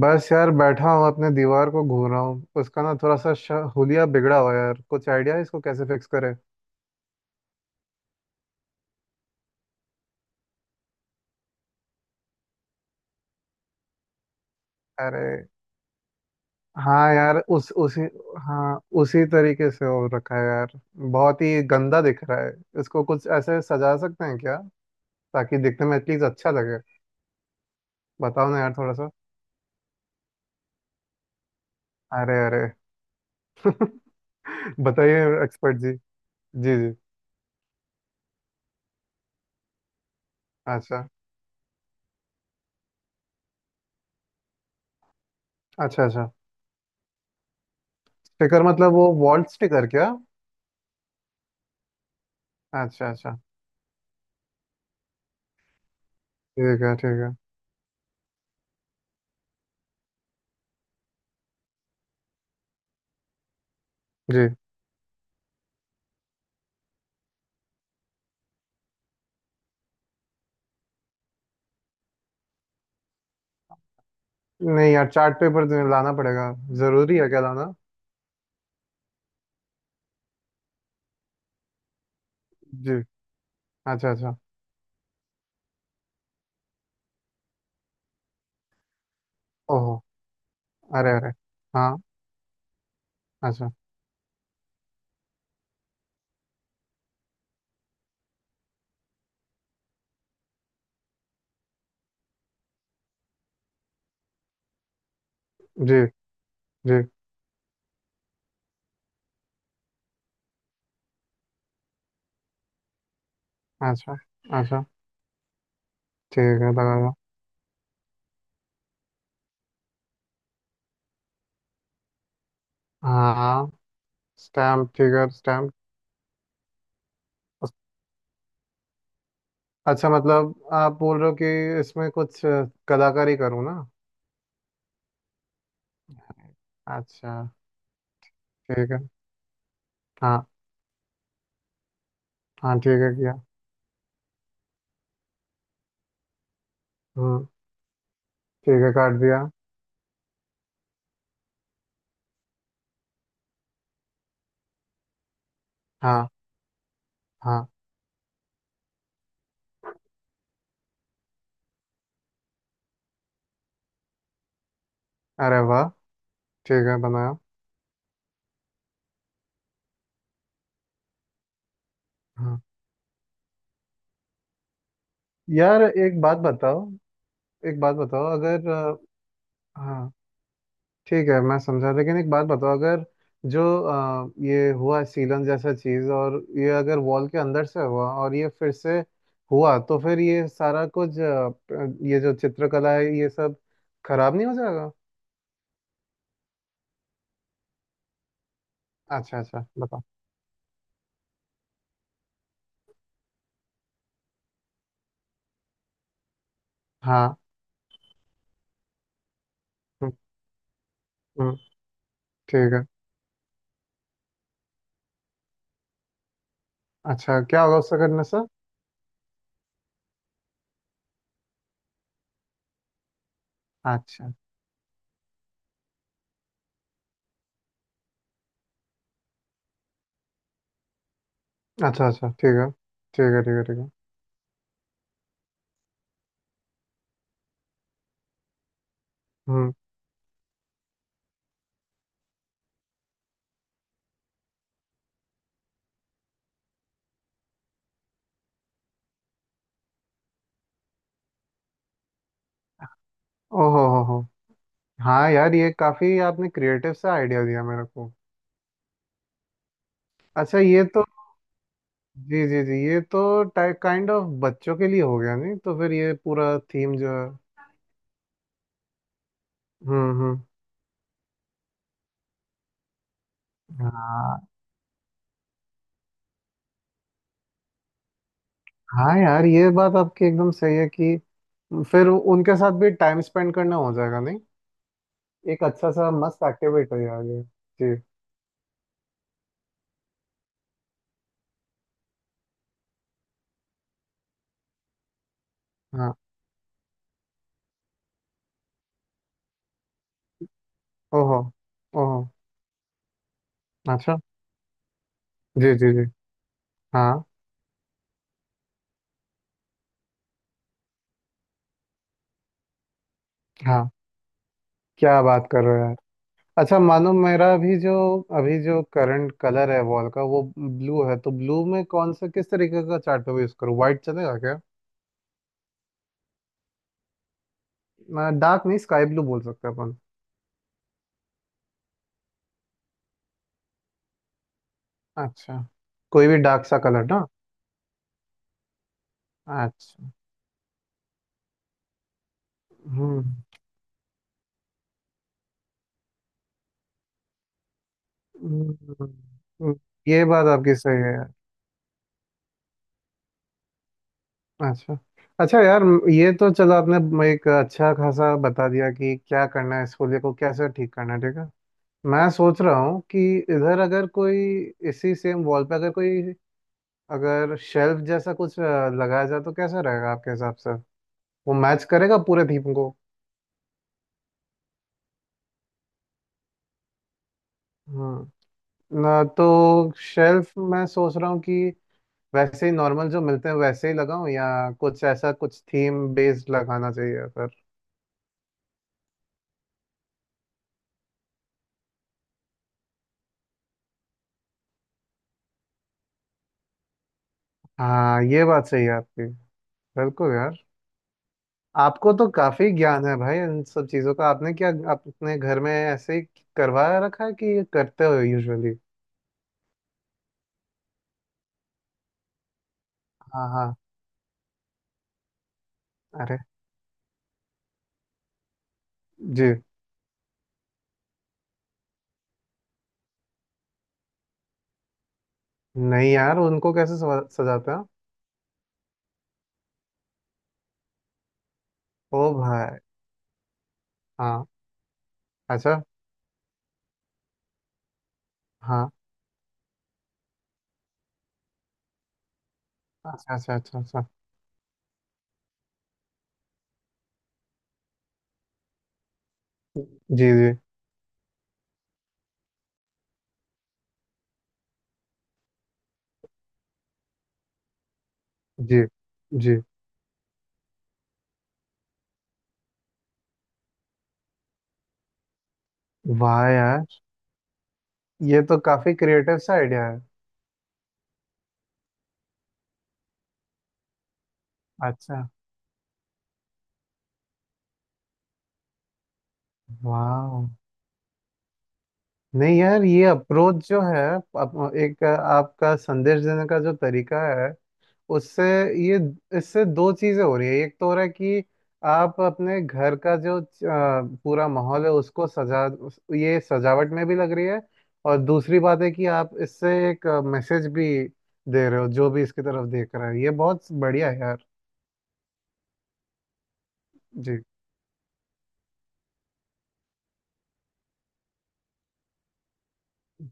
बस यार बैठा हूँ अपने दीवार को घूर रहा हूँ। उसका ना थोड़ा सा हुलिया बिगड़ा हुआ है यार। कुछ आइडिया है इसको कैसे फिक्स करें? अरे हाँ यार उस उसी। हाँ उसी तरीके से हो रखा है यार, बहुत ही गंदा दिख रहा है। इसको कुछ ऐसे सजा सकते हैं क्या, ताकि दिखने में एटलीस्ट अच्छा लगे। बताओ ना यार थोड़ा सा। अरे अरे बताइए एक्सपर्ट जी। जी जी। अच्छा अच्छा। अच्छा स्टिकर मतलब वो वॉल स्टिकर क्या? अच्छा अच्छा। ठीक है ठीक है। जी। नहीं यार, चार्ट पेपर तुम्हें लाना पड़ेगा। जरूरी है क्या लाना? जी। अच्छा अच्छा। ओहो। अरे अरे। हाँ। अच्छा। जी जी। अच्छा अच्छा। ठीक है लगा लो। हाँ। Stamp figure stamp. अच्छा मतलब आप बोल रहे हो कि इसमें कुछ कलाकारी करूँ ना? अच्छा। ठीक है। हाँ। हाँ ठीक है किया। हम्म। ठीक है काट दिया। हाँ। हाँ। अरे वाह। ठीक है बनाया। हाँ यार एक बात बताओ। एक बात बताओ अगर हाँ। ठीक है मैं समझा, लेकिन एक बात बताओ अगर जो ये हुआ सीलन जैसा चीज, और ये अगर वॉल के अंदर से हुआ और ये फिर से हुआ, तो फिर ये सारा कुछ ये जो चित्रकला है ये सब खराब नहीं हो जाएगा? अच्छा अच्छा बताओ। हाँ। हम्म, हम्म, ठीक है। अच्छा क्या होगा उससे करने से? अच्छा। अच्छा अच्छा। ठीक है ठीक है ठीक है। ठीक है। हम्म। ओहो हो हो। हाँ यार, ये काफी आपने क्रिएटिव सा आइडिया दिया मेरे को। अच्छा ये तो। जी जी जी, ये तो टाइप काइंड ऑफ बच्चों के लिए हो गया, नहीं तो फिर ये पूरा थीम जो है। हम्म। हाँ। हाँ यार ये बात आपकी एकदम सही है कि फिर उनके साथ भी टाइम स्पेंड करना हो जाएगा, नहीं? एक अच्छा सा मस्त एक्टिविटी हो जाएगा। जी। हाँ। ओहो। ओहो। अच्छा। जी जी जी। हाँ। हाँ क्या बात कर रहे हो यार। अच्छा मानो मेरा अभी जो, अभी जो करंट कलर है वॉल का वो ब्लू है, तो ब्लू में कौन सा, किस तरीके का चार्ट पेपर यूज करूँ? व्हाइट चलेगा क्या? डार्क नहीं, स्काई ब्लू बोल सकते अपन। अच्छा। कोई भी डार्क सा कलर ना। अच्छा। हम्म। हम्म, हम्म, ये बात आपकी सही है यार। अच्छा। अच्छा यार ये तो चलो आपने एक अच्छा खासा बता दिया कि क्या करना है, स्कूल को कैसे ठीक करना है। ठीक है। मैं सोच रहा हूँ कि इधर अगर कोई, इसी सेम वॉल पे अगर कोई, अगर शेल्फ जैसा कुछ लगाया जाए तो कैसा रहेगा आपके हिसाब से? वो मैच करेगा पूरे थीम को? ना तो शेल्फ मैं सोच रहा हूँ कि वैसे ही नॉर्मल जो मिलते हैं वैसे ही लगाऊं, या कुछ ऐसा कुछ थीम बेस्ड लगाना चाहिए फिर? हाँ ये बात सही है आपकी। बिल्कुल यार। आपको तो काफी ज्ञान है भाई इन सब चीजों का। आपने क्या अपने घर में ऐसे ही करवाया रखा है कि ये करते हो यूजुअली? हाँ हाँ। अरे। जी। नहीं यार, उनको कैसे सजाते हैं? ओ भाई। हाँ। अच्छा। हाँ। अच्छा अच्छा अच्छा अच्छा। जी जी जी जी। वाह यार, ये तो काफी क्रिएटिव सा आइडिया है। अच्छा। वाह। नहीं यार ये अप्रोच जो है, एक आपका संदेश देने का जो तरीका है, उससे, ये, इससे दो चीजें हो रही है। एक तो हो रहा है कि आप अपने घर का जो पूरा माहौल है, उसको सजा, ये सजावट में भी लग रही है। और दूसरी बात है कि आप इससे एक मैसेज भी दे रहे हो जो भी इसकी तरफ देख रहा है। ये बहुत बढ़िया है यार। जी।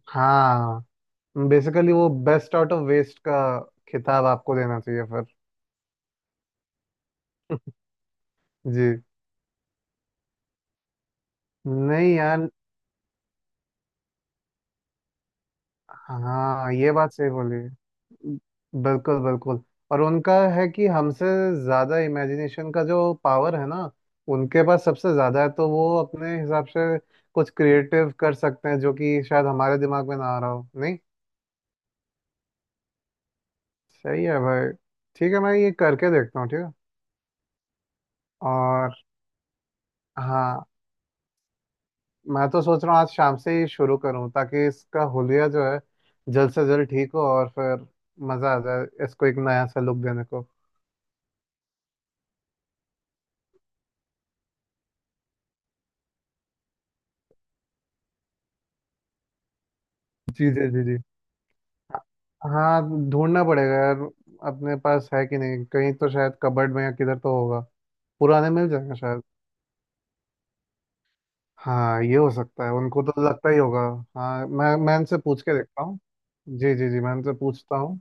हाँ बेसिकली वो बेस्ट आउट ऑफ वेस्ट का खिताब आपको देना चाहिए फिर। जी। नहीं यार। हाँ ये बात सही बोली। बिल्कुल बिल्कुल। और उनका है कि हमसे ज्यादा इमेजिनेशन का जो पावर है ना, उनके पास सबसे ज्यादा है, तो वो अपने हिसाब से कुछ क्रिएटिव कर सकते हैं जो कि शायद हमारे दिमाग में ना आ रहा हो, नहीं? सही है भाई। ठीक है मैं ये करके देखता हूँ। ठीक है। और। हाँ। मैं तो सोच रहा हूँ आज शाम से ही शुरू करूँ, ताकि इसका हुलिया जो है जल्द से जल्द ठीक हो, और फिर मज़ा आ जाए इसको एक नया सा लुक देने को। जी जी जी जी। हाँ। ढूंढना पड़ेगा यार। अपने पास है कि नहीं, कहीं तो शायद कबर्ड में या किधर तो होगा। पुराने मिल जाएंगे शायद। हाँ ये हो सकता है, उनको तो लगता ही होगा। हाँ, मैं इनसे पूछ के देखता हूँ। जी जी जी, मैं इनसे पूछता हूँ।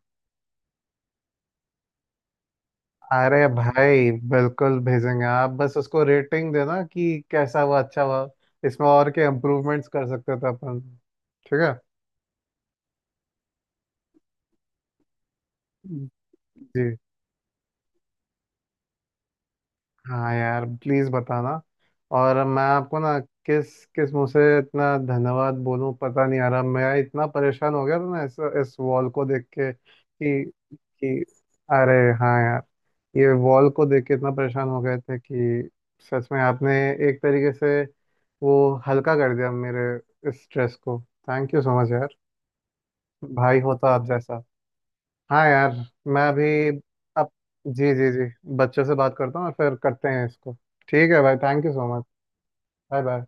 अरे भाई बिल्कुल भेजेंगे। आप बस उसको रेटिंग देना कि कैसा हुआ, अच्छा हुआ, इसमें और क्या इम्प्रूवमेंट्स कर सकते थे अपन। ठीक है। जी। हाँ यार प्लीज बताना। और मैं आपको ना किस किस मुंह से इतना धन्यवाद बोलूं पता नहीं आ रहा। मैं इतना परेशान हो गया था ना इस वॉल को देख के कि अरे। हाँ यार, ये वॉल को देख के इतना परेशान हो गए थे कि सच में आपने एक तरीके से वो हल्का कर दिया मेरे इस स्ट्रेस को। थैंक यू सो मच यार। भाई होता आप जैसा। हाँ यार। मैं अभी, अब, जी जी जी, बच्चों से बात करता हूँ और फिर करते हैं इसको। ठीक है भाई, thank you so much. Bye bye.